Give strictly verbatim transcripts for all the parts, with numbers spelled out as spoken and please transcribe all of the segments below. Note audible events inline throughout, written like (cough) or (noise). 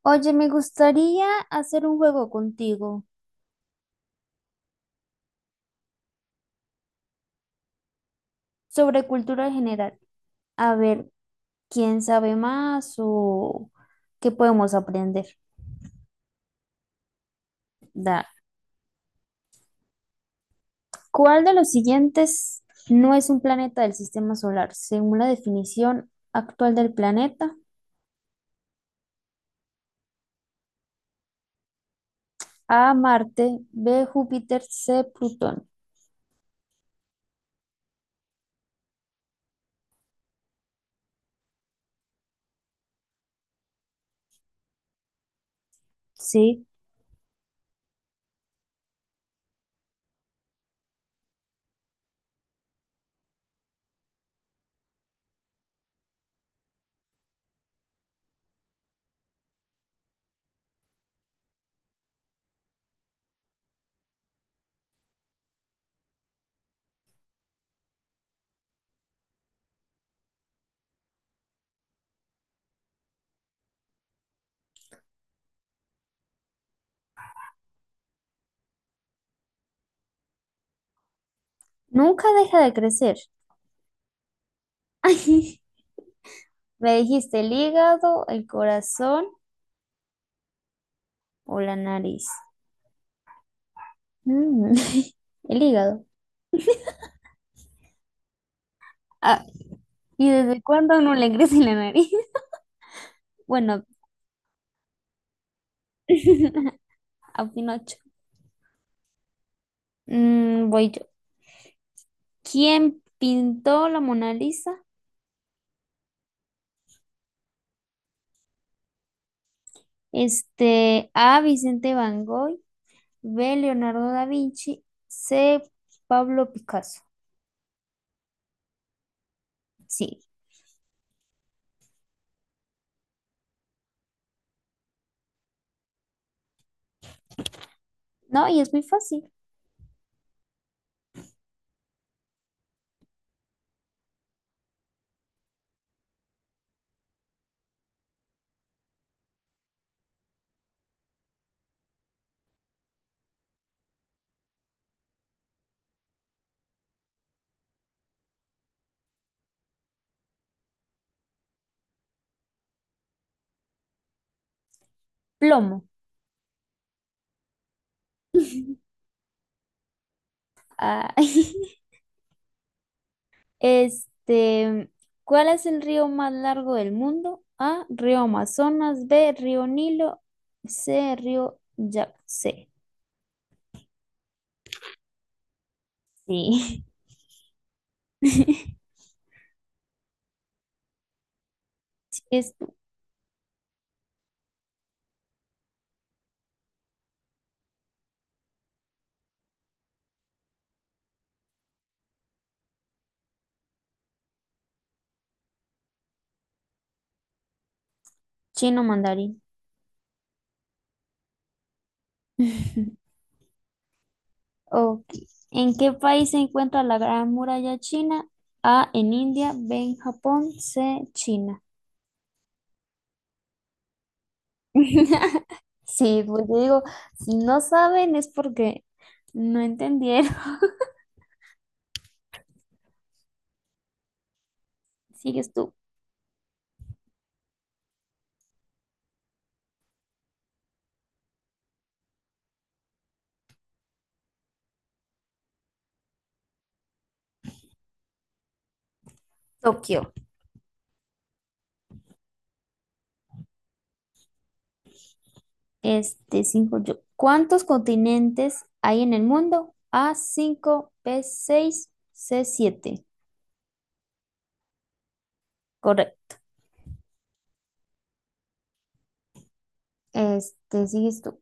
Oye, me gustaría hacer un juego contigo sobre cultura general. A ver, ¿quién sabe más o qué podemos aprender? Da. ¿Cuál de los siguientes no es un planeta del sistema solar? Según la definición actual del planeta, A, Marte, B, Júpiter, C, Plutón. Sí, nunca deja de crecer. (laughs) Ay, me dijiste el hígado, el corazón o la nariz. Mm, (laughs) el hígado. Ah. ¿Y desde cuándo a uno le crece la nariz? (laughs) Bueno, (laughs) a Pinocho. Mm, voy yo. ¿Quién pintó la Mona Lisa? Este, A. Vicente Van Gogh, B. Leonardo da Vinci, C. Pablo Picasso. Sí, no, y es muy fácil. Plomo. (laughs) Ah, (laughs) este, ¿cuál es el río más largo del mundo? A, río Amazonas, B, río Nilo, C, río Yangtze. Sí. (laughs) Es chino mandarín. (laughs) Ok. ¿En qué país se encuentra la Gran Muralla China? A, en India, B, en Japón, C, China. (laughs) Sí, pues yo digo, si no saben es porque no entendieron. (laughs) Sigues tú. Tokio. Este, cinco yo. ¿Cuántos continentes hay en el mundo? A, cinco, B, seis, C, siete. Correcto. Este, sigues tú.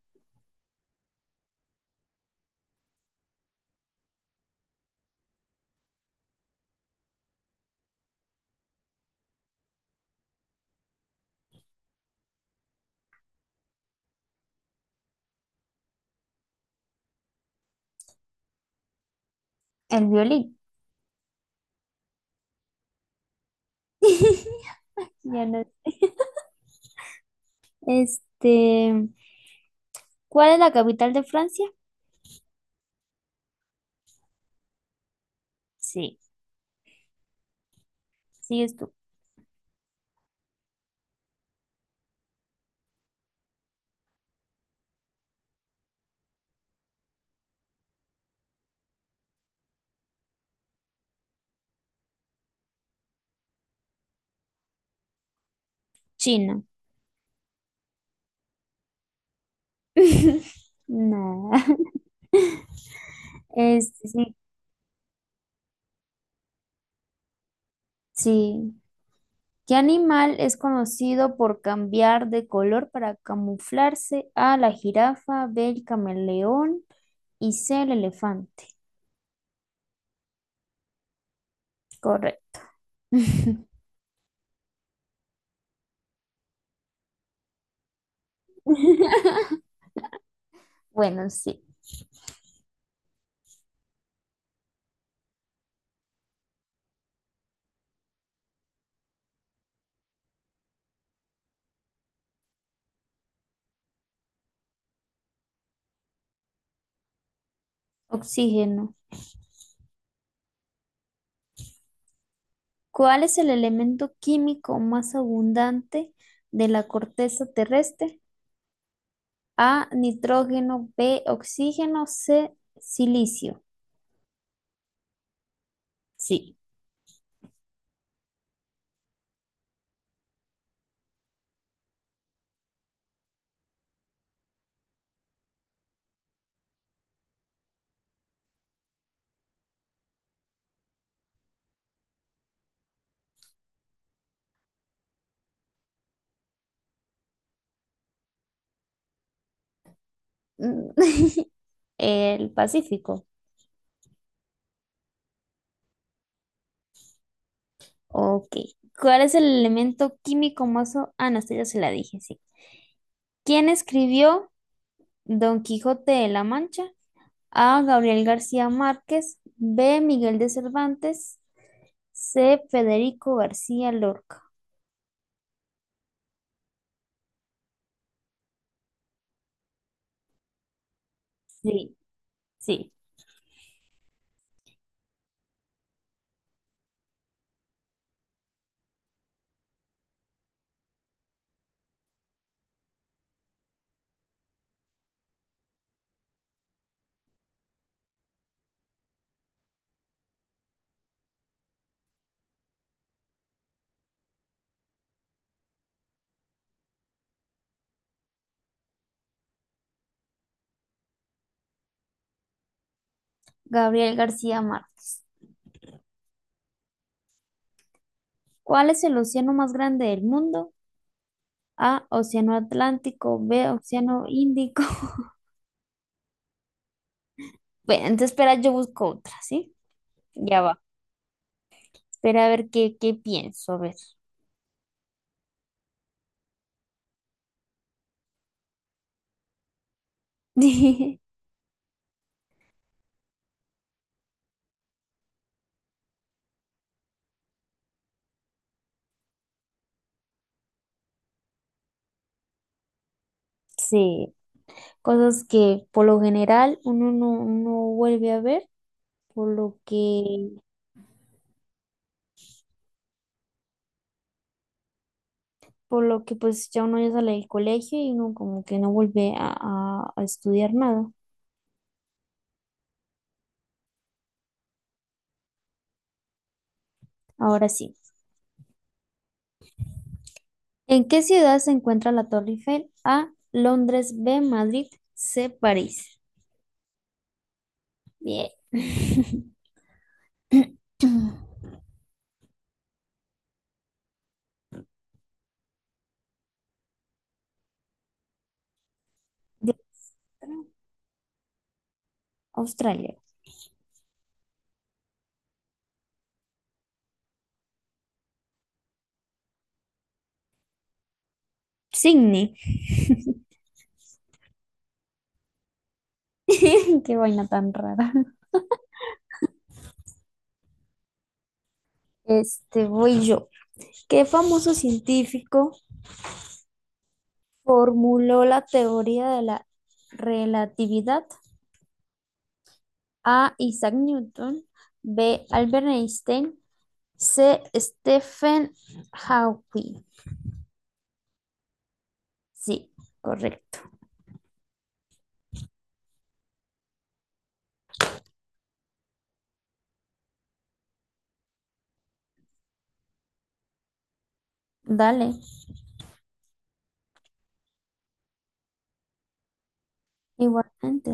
El violín. (laughs) Ya no. Este, ¿cuál es la capital de Francia? Sí, sigues tú. China. (laughs) No. Este, sí, sí. ¿Qué animal es conocido por cambiar de color para camuflarse? A, la jirafa, B, el camaleón y C, el elefante. Correcto. (laughs) Bueno, sí. Oxígeno. ¿Cuál es el elemento químico más abundante de la corteza terrestre? A, nitrógeno, B, oxígeno, C, silicio. Sí. Mm, (laughs) El Pacífico. Ok. ¿Cuál es el elemento químico más o- Ah, no, esta ya se la dije, sí. ¿Quién escribió Don Quijote de la Mancha? A, Gabriel García Márquez. B, Miguel de Cervantes. C, Federico García Lorca. Sí, sí. Gabriel García Márquez. ¿Cuál es el océano más grande del mundo? A, Océano Atlántico, B, Océano Índico. (laughs) Bueno, entonces espera, yo busco otra, ¿sí? Ya va. Espera a ver qué, qué pienso, a ver. (laughs) Sí, cosas que por lo general uno no, no vuelve a ver, por lo que, por lo que pues ya uno ya sale del colegio y uno como que no vuelve a, a- a estudiar nada. Ahora sí. ¿En qué ciudad se encuentra la Torre Eiffel? A, Londres, B, Madrid, C, París. Bien. (laughs) ¿De otra? Australia. Sydney. (laughs) Qué vaina tan rara. Este, voy yo. ¿Qué famoso científico formuló la teoría de la relatividad? A. Isaac Newton. B. Albert Einstein. C. Stephen Hawking. Sí, correcto. Dale, igualmente.